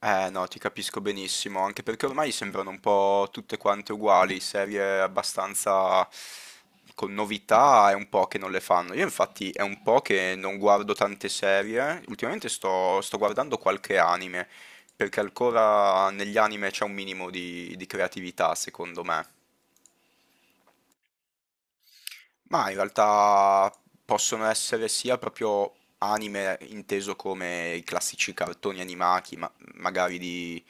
No, ti capisco benissimo, anche perché ormai sembrano un po' tutte quante uguali, serie abbastanza con novità è un po' che non le fanno. Io infatti è un po' che non guardo tante serie, ultimamente sto guardando qualche anime, perché ancora negli anime c'è un minimo di creatività, secondo me. Ma in realtà possono essere sia proprio anime inteso come i classici cartoni animati, magari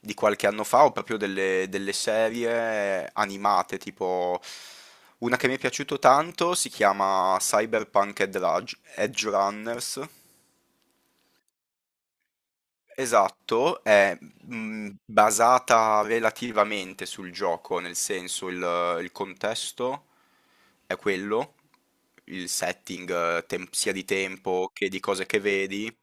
di qualche anno fa, o proprio delle serie animate, tipo una che mi è piaciuto tanto si chiama Cyberpunk Edge Runners. Esatto, è basata relativamente sul gioco, nel senso il contesto è quello, il setting, sia di tempo che di cose che vedi,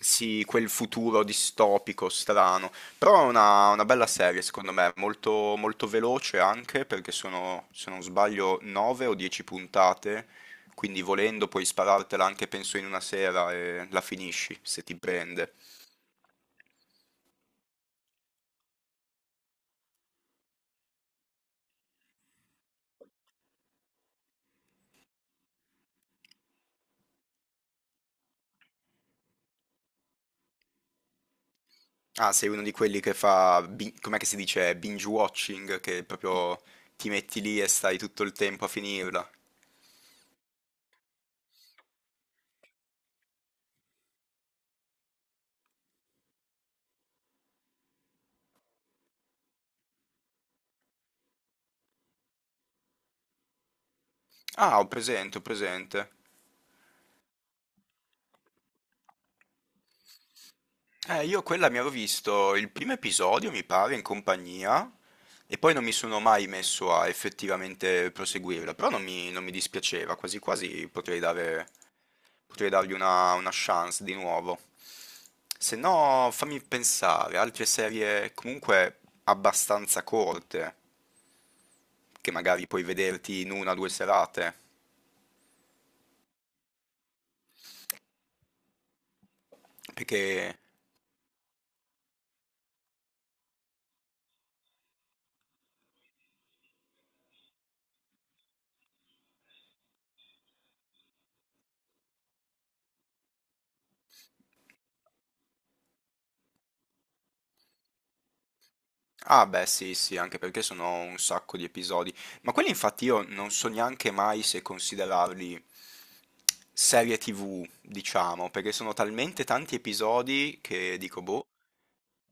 sì, quel futuro distopico, strano, però è una bella serie secondo me, molto, molto veloce anche perché sono, se non sbaglio, 9 o 10 puntate, quindi volendo puoi sparartela anche penso in una sera e la finisci se ti prende. Ah, sei uno di quelli che fa, com'è che si dice, binge watching, che proprio ti metti lì e stai tutto il tempo a finirla. Ah, ho presente, ho presente. Io quella mi avevo visto il primo episodio, mi pare, in compagnia, e poi non mi sono mai messo a effettivamente proseguirla, però non mi dispiaceva, quasi quasi potrei dargli una chance di nuovo. Se no, fammi pensare, altre serie comunque abbastanza corte, che magari puoi vederti in una o due serate, perché... Ah beh sì sì, anche perché sono un sacco di episodi, ma quelli infatti io non so neanche mai se considerarli serie TV, diciamo, perché sono talmente tanti episodi che dico, boh,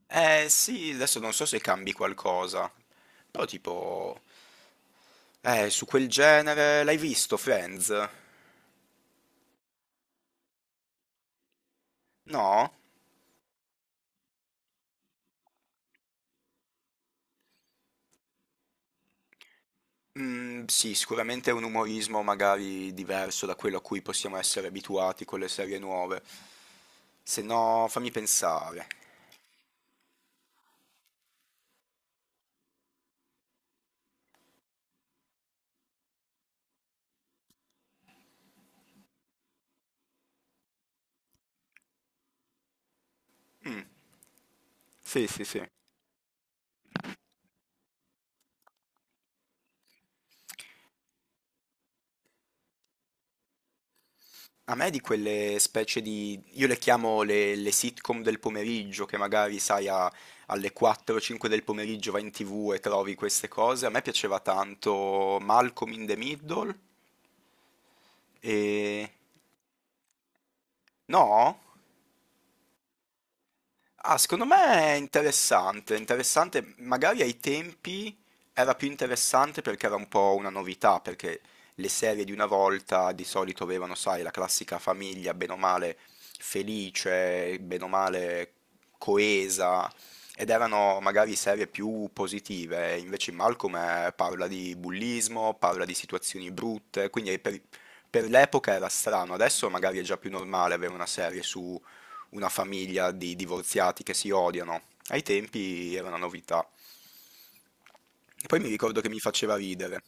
eh sì, adesso non so se cambi qualcosa, però tipo, su quel genere l'hai visto Friends? No? Mhmm, sì, sicuramente è un umorismo magari diverso da quello a cui possiamo essere abituati con le serie nuove. Se no, fammi pensare. Sì, sì, sì. A me di quelle specie di io le chiamo le sitcom del pomeriggio, che magari, sai, alle 4-5 del pomeriggio vai in TV e trovi queste cose. A me piaceva tanto Malcolm in the Middle e... No? Ah, secondo me è interessante, interessante, magari ai tempi era più interessante perché era un po' una novità, perché le serie di una volta di solito avevano, sai, la classica famiglia, bene o male felice, bene o male coesa, ed erano magari serie più positive, invece in Malcolm parla di bullismo, parla di situazioni brutte, per l'epoca era strano, adesso magari è già più normale avere una serie su una famiglia di divorziati che si odiano. Ai tempi era una novità. E poi mi ricordo che mi faceva ridere.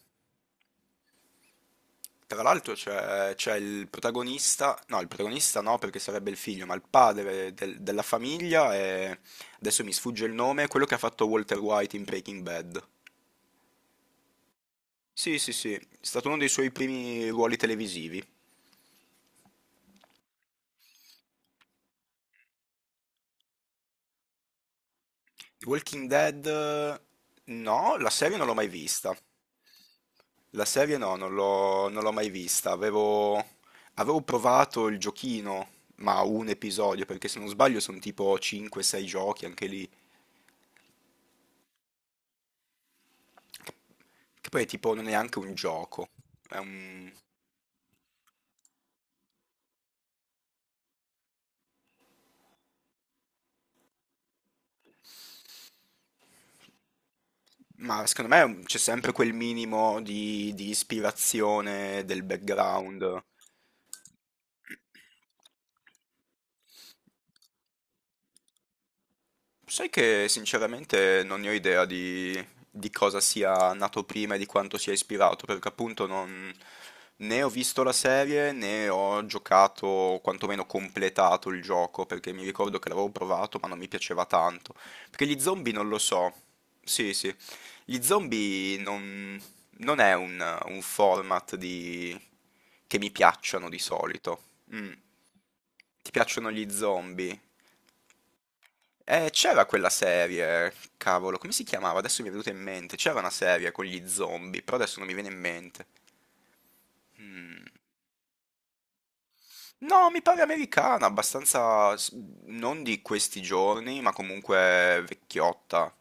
Tra l'altro c'è il protagonista no perché sarebbe il figlio, ma il padre della famiglia è, adesso mi sfugge il nome, quello che ha fatto Walter White in Breaking Bad. Sì, sì, sì, è stato uno dei suoi primi ruoli televisivi. Walking Dead, no, la serie non l'ho mai vista. La serie no, non l'ho mai vista. Avevo provato il giochino, ma un episodio, perché se non sbaglio sono tipo 5-6 giochi anche lì. Che poi è tipo non è neanche un gioco. È un- Ma secondo me c'è sempre quel minimo di ispirazione del background. Sai che sinceramente non ne ho idea di cosa sia nato prima e di quanto sia ispirato, perché appunto non, né ho visto la serie né ho giocato, o quantomeno completato il gioco, perché mi ricordo che l'avevo provato ma non mi piaceva tanto. Perché gli zombie non lo so. Sì, sì. Gli zombie non, non è un format che mi piacciono di solito. Mm. Ti piacciono gli zombie? C'era quella serie, cavolo, come si chiamava? Adesso mi è venuta in mente. C'era una serie con gli zombie, però adesso non mi viene in mente. Mm. No, mi pare americana, abbastanza non di questi giorni, ma comunque vecchiotta.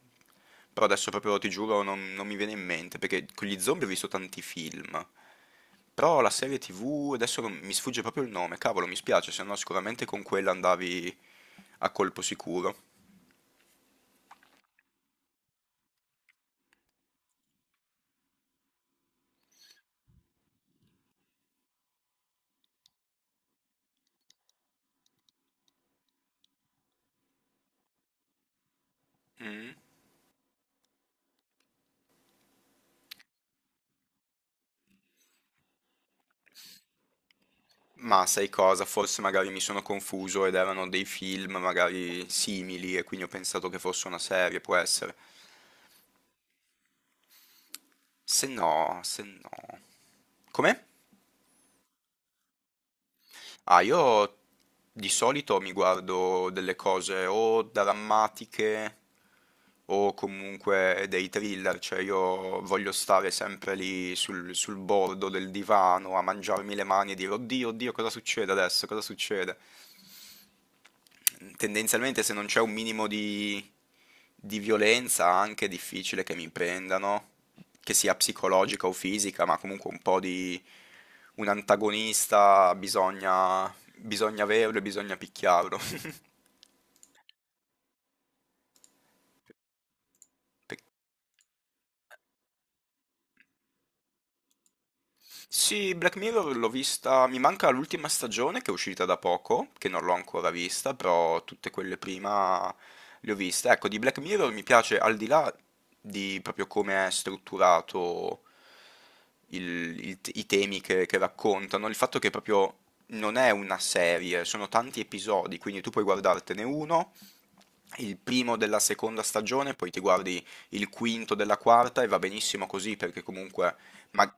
Però adesso proprio ti giuro non mi viene in mente, perché con gli zombie ho visto tanti film. Però la serie TV, adesso mi sfugge proprio il nome, cavolo, mi spiace, se no sicuramente con quella andavi a colpo sicuro. Mm. Ma sai cosa? Forse magari mi sono confuso ed erano dei film magari simili e quindi ho pensato che fosse una serie, può essere. Se no, se no. Come? Ah, io di solito mi guardo delle cose o drammatiche o comunque dei thriller, cioè io voglio stare sempre lì sul bordo del divano a mangiarmi le mani e dire oddio, oddio, cosa succede adesso? Cosa succede? Tendenzialmente se non c'è un minimo di violenza anche è difficile che mi prendano, che sia psicologica o fisica, ma comunque un po' di un antagonista bisogna averlo e bisogna picchiarlo. Perché Sì, Black Mirror l'ho vista, mi manca l'ultima stagione che è uscita da poco, che non l'ho ancora vista, però tutte quelle prima le ho viste. Ecco, di Black Mirror mi piace al di là di proprio come è strutturato i temi che raccontano, il fatto che proprio non è una serie, sono tanti episodi, quindi tu puoi guardartene uno, il primo della seconda stagione, poi ti guardi il quinto della quarta e va benissimo così perché comunque... ma-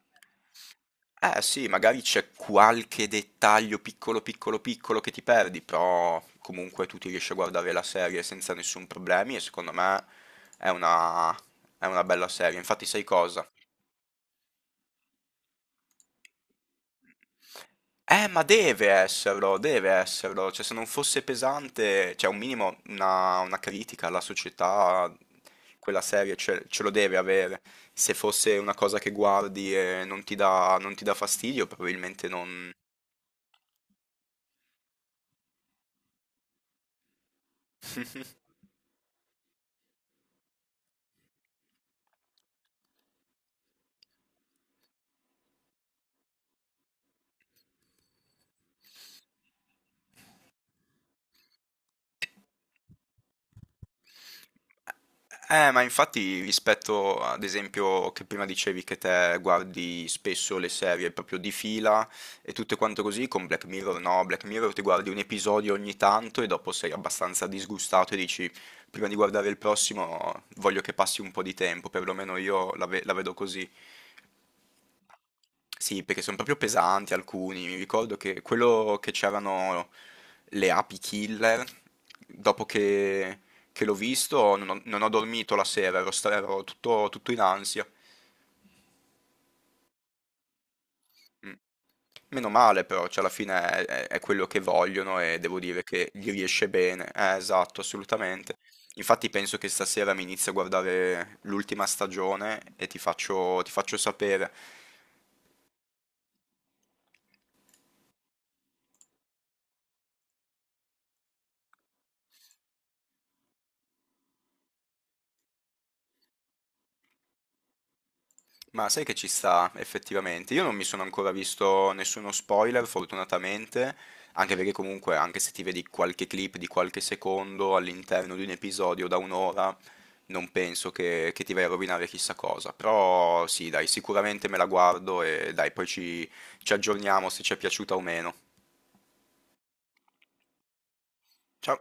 eh sì, magari c'è qualche dettaglio piccolo piccolo piccolo che ti perdi, però comunque tu ti riesci a guardare la serie senza nessun problemi e secondo me è è una bella serie. Infatti sai cosa? Ma deve esserlo, deve esserlo. Cioè, se non fosse pesante, cioè un minimo, una critica alla società, quella serie ce lo deve avere. Se fosse una cosa che guardi e non ti dà fastidio, probabilmente non... ma infatti rispetto ad esempio che prima dicevi che te guardi spesso le serie proprio di fila e tutte quante così, con Black Mirror no, Black Mirror ti guardi un episodio ogni tanto e dopo sei abbastanza disgustato e dici prima di guardare il prossimo voglio che passi un po' di tempo, perlomeno io la vedo così. Sì, perché son proprio pesanti alcuni. Mi ricordo che quello che c'erano le api killer, dopo che l'ho visto non ho dormito la sera, ero tutto, tutto in ansia. Mm. Meno male però, cioè alla fine è, è quello che vogliono e devo dire che gli riesce bene. Esatto, assolutamente. Infatti penso che stasera mi inizio a guardare l'ultima stagione e ti faccio sapere. Ma sai che ci sta effettivamente? Io non mi sono ancora visto nessuno spoiler, fortunatamente, anche perché comunque, anche se ti vedi qualche clip di qualche secondo all'interno di un episodio da un'ora, non penso che ti vai a rovinare chissà cosa. Però sì, dai, sicuramente me la guardo e dai, ci aggiorniamo se ci è piaciuta o meno. Ciao!